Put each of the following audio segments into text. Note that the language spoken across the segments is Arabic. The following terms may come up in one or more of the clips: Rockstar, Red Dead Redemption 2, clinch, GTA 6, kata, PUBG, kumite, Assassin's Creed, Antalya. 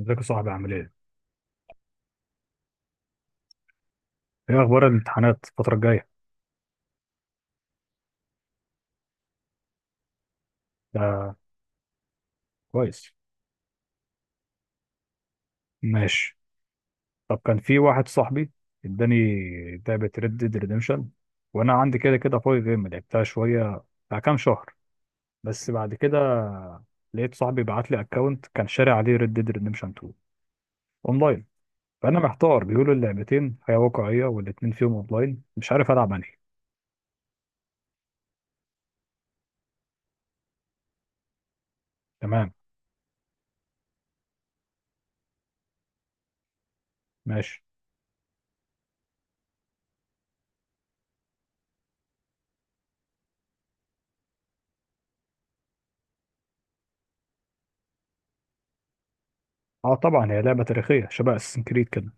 ازيك يا صاحبي، عامل ايه؟ ايه اخبار الامتحانات الفترة الجاية؟ ده كويس. ماشي. طب كان في واحد صاحبي اداني لعبة ريد ديد ريديمشن، وانا عندي كده كده فاضي جيم، لعبتها شوية بتاع كام شهر، بس بعد كده لقيت صاحبي بعت لي اكونت كان شاري عليه ريد ديد ريديمشن 2 اونلاين. فانا محتار، بيقولوا اللعبتين حياة واقعية والاتنين فيهم اونلاين، مش عارف العب انهي. تمام. ماشي. اه طبعا هي لعبة تاريخية شبه اساسن كريد كده.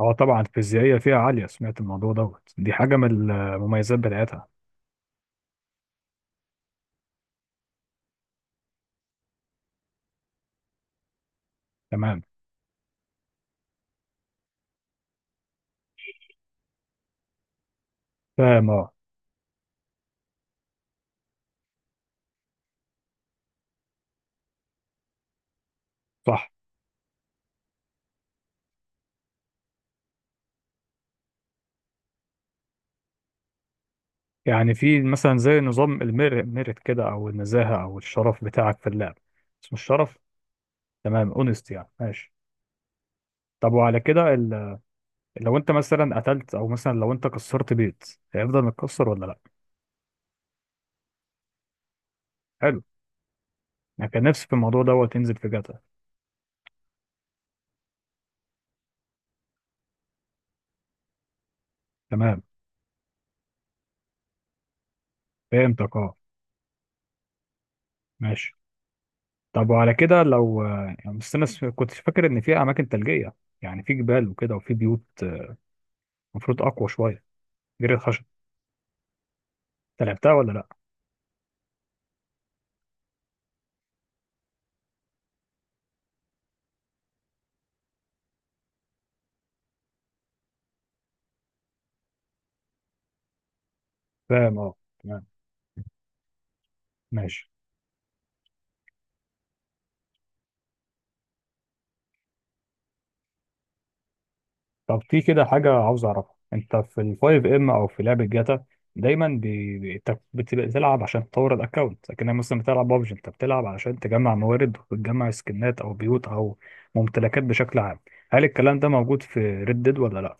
اه طبعا الفيزيائية فيها عالية، سمعت الموضوع دوت دي حاجة من المميزات بتاعتها. تمام. فاهم اه. صح. يعني في مثلا زي نظام الميرت كده، او النزاهة، او الشرف بتاعك في اللعب. اسمه الشرف. تمام، اونست يعني. ماشي. طب وعلى كده لو انت مثلا قتلت، او مثلا لو انت كسرت بيت، هيفضل متكسر ولا لا؟ حلو. انا كان نفسي في الموضوع دوت ينزل في جاتا. تمام، فهمتك اه. ماشي. طب وعلى كده، لو يعني، بس انا كنت فاكر ان في اماكن ثلجية، يعني في جبال وكده وفي بيوت، المفروض اقوى شويه جري الخشب. انت لعبتها ولا لا؟ فاهم اه. تمام. ماشي. طب في كده حاجه عاوز اعرفها. انت في الفايف ام او في لعبه جاتا دايما بتلعب عشان تطور الاكونت، لكن مثلا بتلعب بابجي انت بتلعب علشان تجمع موارد وتجمع سكنات او بيوت او ممتلكات بشكل عام. هل الكلام ده موجود في ريد ديد ولا لا؟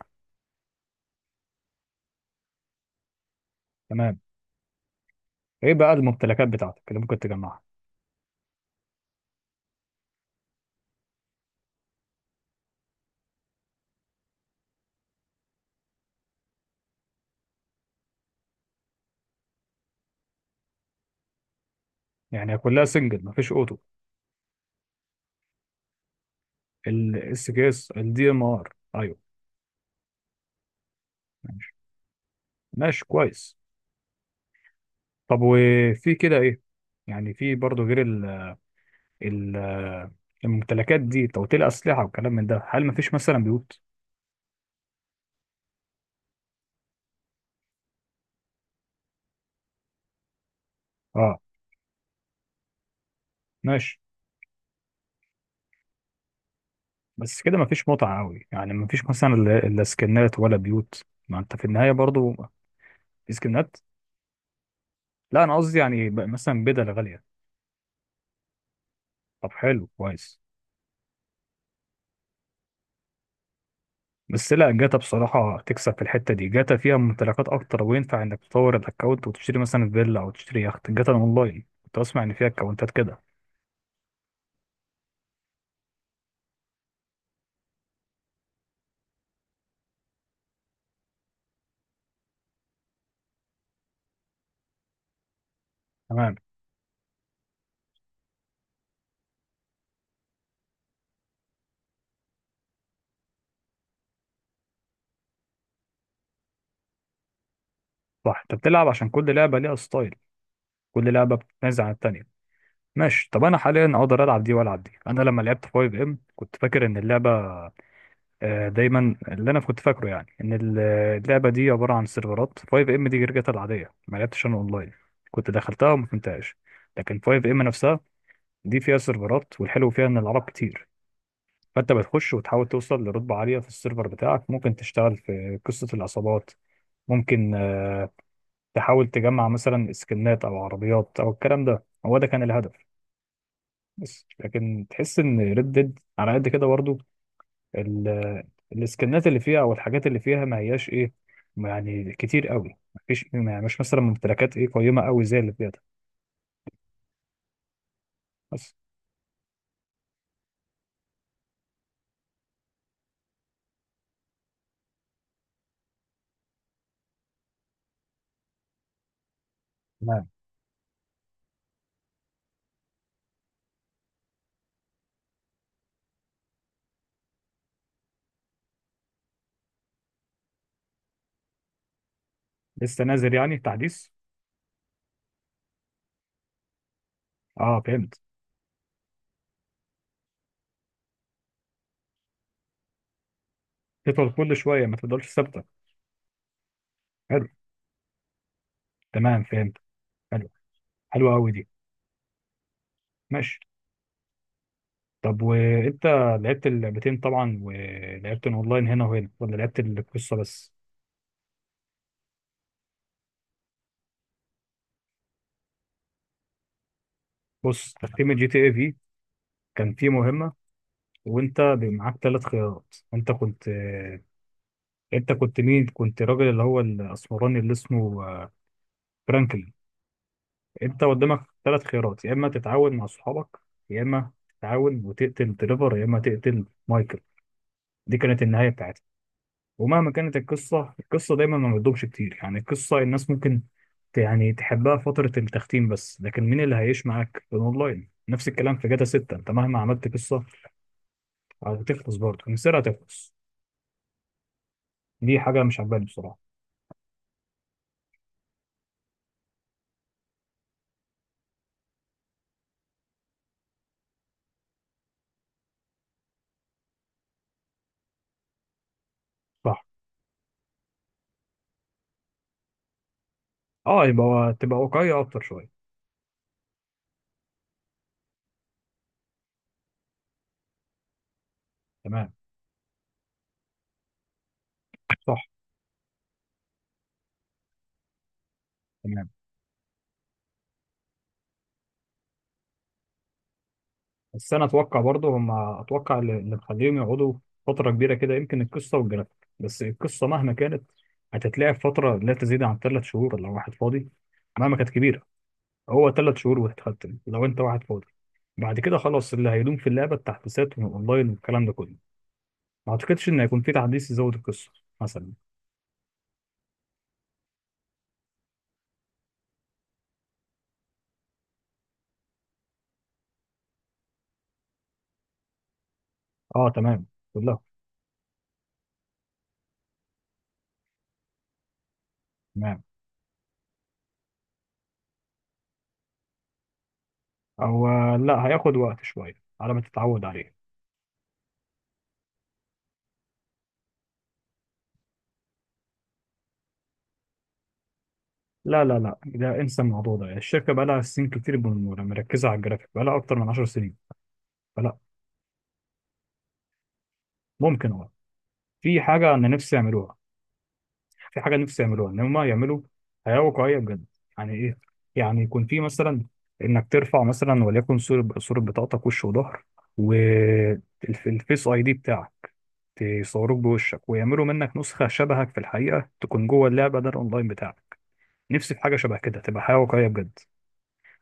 تمام. ايه بقى الممتلكات بتاعتك اللي ممكن تجمعها؟ يعني كلها سنجل، مفيش اوتو؟ الاس كي اس الدي ام ار، ايوه. ماشي. ماشي كويس. طب وفي كده ايه، يعني في برضه غير ال الممتلكات دي توتيل اسلحه وكلام من ده، هل مفيش مثلا بيوت؟ اه. ماشي. بس كده مفيش متعه قوي، يعني مفيش مثلا، لا لا، سكنات ولا بيوت، ما انت في النهايه برضه. في سكنات؟ لا انا قصدي يعني مثلا بدل غاليه. طب حلو. كويس. بس لا، جاتا بصراحه تكسب في الحته دي، جاتا فيها ممتلكات اكتر، وينفع انك تطور الاكونت وتشتري مثلا فيلا او تشتري يخت، جاتا اونلاين كنت اسمع ان فيها اكونتات كده. تمام. صح، انت بتلعب عشان كل لعبه ليها ستايل. كل لعبه بتنازع عن التانيه. ماشي. طب انا حاليا اقدر العب دي والعب دي. انا لما لعبت 5 ام كنت فاكر ان اللعبه، دايما اللي انا كنت فاكره يعني ان اللعبه دي عباره عن سيرفرات، 5 ام دي جرجتها العاديه، ما لعبتش انا اونلاين، كنت دخلتها وما فهمتهاش. لكن 5 ام نفسها دي فيها سيرفرات، والحلو فيها ان العرب كتير، فانت بتخش وتحاول توصل لرتبه عاليه في السيرفر بتاعك، ممكن تشتغل في قصه العصابات، ممكن تحاول تجمع مثلا سكنات او عربيات او الكلام ده، هو ده كان الهدف. بس لكن تحس ان ريد ديد على قد كده برضو، ال- السكنات اللي فيها او الحاجات اللي فيها ما هياش ايه، يعني كتير قوي، مفيش مش مثلا ممتلكات ايه قيمه قوي زي اللي فيها ده بس. تمام. لسه نازل يعني تحديث؟ اه فهمت. تفضل كل شويه، ما تفضلش ثابته. حلو. تمام فهمت. حلو. حلوه قوي دي. ماشي. طب وانت لعبت اللعبتين طبعا، ولعبت اونلاين هنا وهنا ولا لعبت القصه بس؟ بص، تختيم الجي تي اي في كان فيه مهمة، وانت معاك ثلاث خيارات. انت كنت انت كنت مين؟ كنت راجل اللي هو الاسمراني اللي اسمه فرانكلين. انت قدامك ثلاث خيارات: يا اما تتعاون مع صحابك، يا اما تتعاون وتقتل تريفر، يا اما تقتل مايكل. دي كانت النهاية بتاعتها. ومهما كانت القصة، القصة دايما ما بتدومش كتير، يعني القصة الناس ممكن يعني تحبها فترة التختيم بس، لكن مين اللي هيعيش معاك في الاونلاين؟ نفس الكلام في جاتا 6، انت مهما عملت قصة هتخلص، برضه مصر هتخلص. دي حاجه مش عجباني بصراحه. صح اه، يبقى تبقى واقعيه اكتر شويه. تمام. صح. تمام. بس انا اتوقع برضه، هم اتوقع اللي مخليهم يقعدوا فتره كبيره كده، يمكن القصه والجرافيك، بس القصه مهما كانت هتتلعب فتره لا تزيد عن ثلاث شهور لو واحد فاضي، مهما كانت كبيره، هو ثلاث شهور وهتختم لو انت واحد فاضي. بعد كده خلاص، اللي هيدوم في اللعبه التحديثات والاونلاين والكلام ده كله، ما اعتقدش ان هيكون في تحديث يزود القصه مثلا. اه تمام. كلها. تمام. هو لا، هياخد وقت شوية على ما تتعود عليه. لا لا لا، ده انسى الموضوع ده، الشركة بقى لها سنين كتير يعني مركزة على الجرافيك، بقى لها أكتر من 10 سنين، فلا. ممكن اه. في حاجة أنا نفسي يعملوها. في حاجة نفسي يعملوها، إن هما يعملوا حياة واقعية بجد. يعني إيه؟ يعني يكون في مثلا إنك ترفع مثلا، وليكن صورة، صورة بطاقتك وش وظهر، والفيس أي دي بتاعك، تصوروك بوشك، ويعملوا منك نسخة شبهك في الحقيقة، تكون جوه اللعبة، ده الأونلاين بتاعك. نفسي في حاجة شبه كده، تبقى حياة واقعية بجد.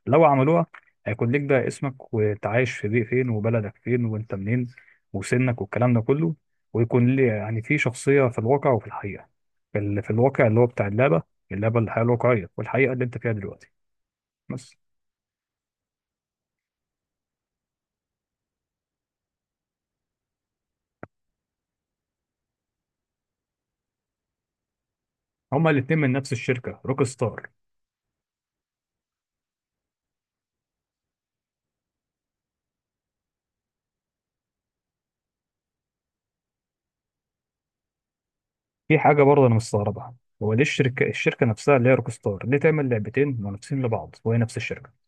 لو عملوها، هيكون ليك بقى اسمك، وانت عايش في بيئة فين، وبلدك فين، وانت منين، وسنك، والكلام ده كله. ويكون لي يعني في شخصية في الواقع وفي الحقيقة في الواقع اللي هو بتاع اللعبة، اللعبة الحياة الواقعية، والحقيقة اللي انت فيها دلوقتي بس. هما الاتنين من نفس الشركة، روك ستار. في حاجة برضه أنا مستغربها، هو ليه الشركة نفسها اللي هي روك ستار ليه تعمل لعبتين منافسين لبعض وهي نفس الشركة؟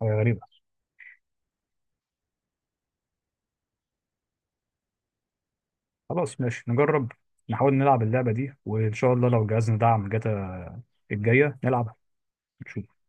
حاجة غريبة. خلاص ماشي، نجرب. نحاول نلعب اللعبة دي، وإن شاء الله لو جهازنا دعم جاتا الجاية نلعب، نشوف.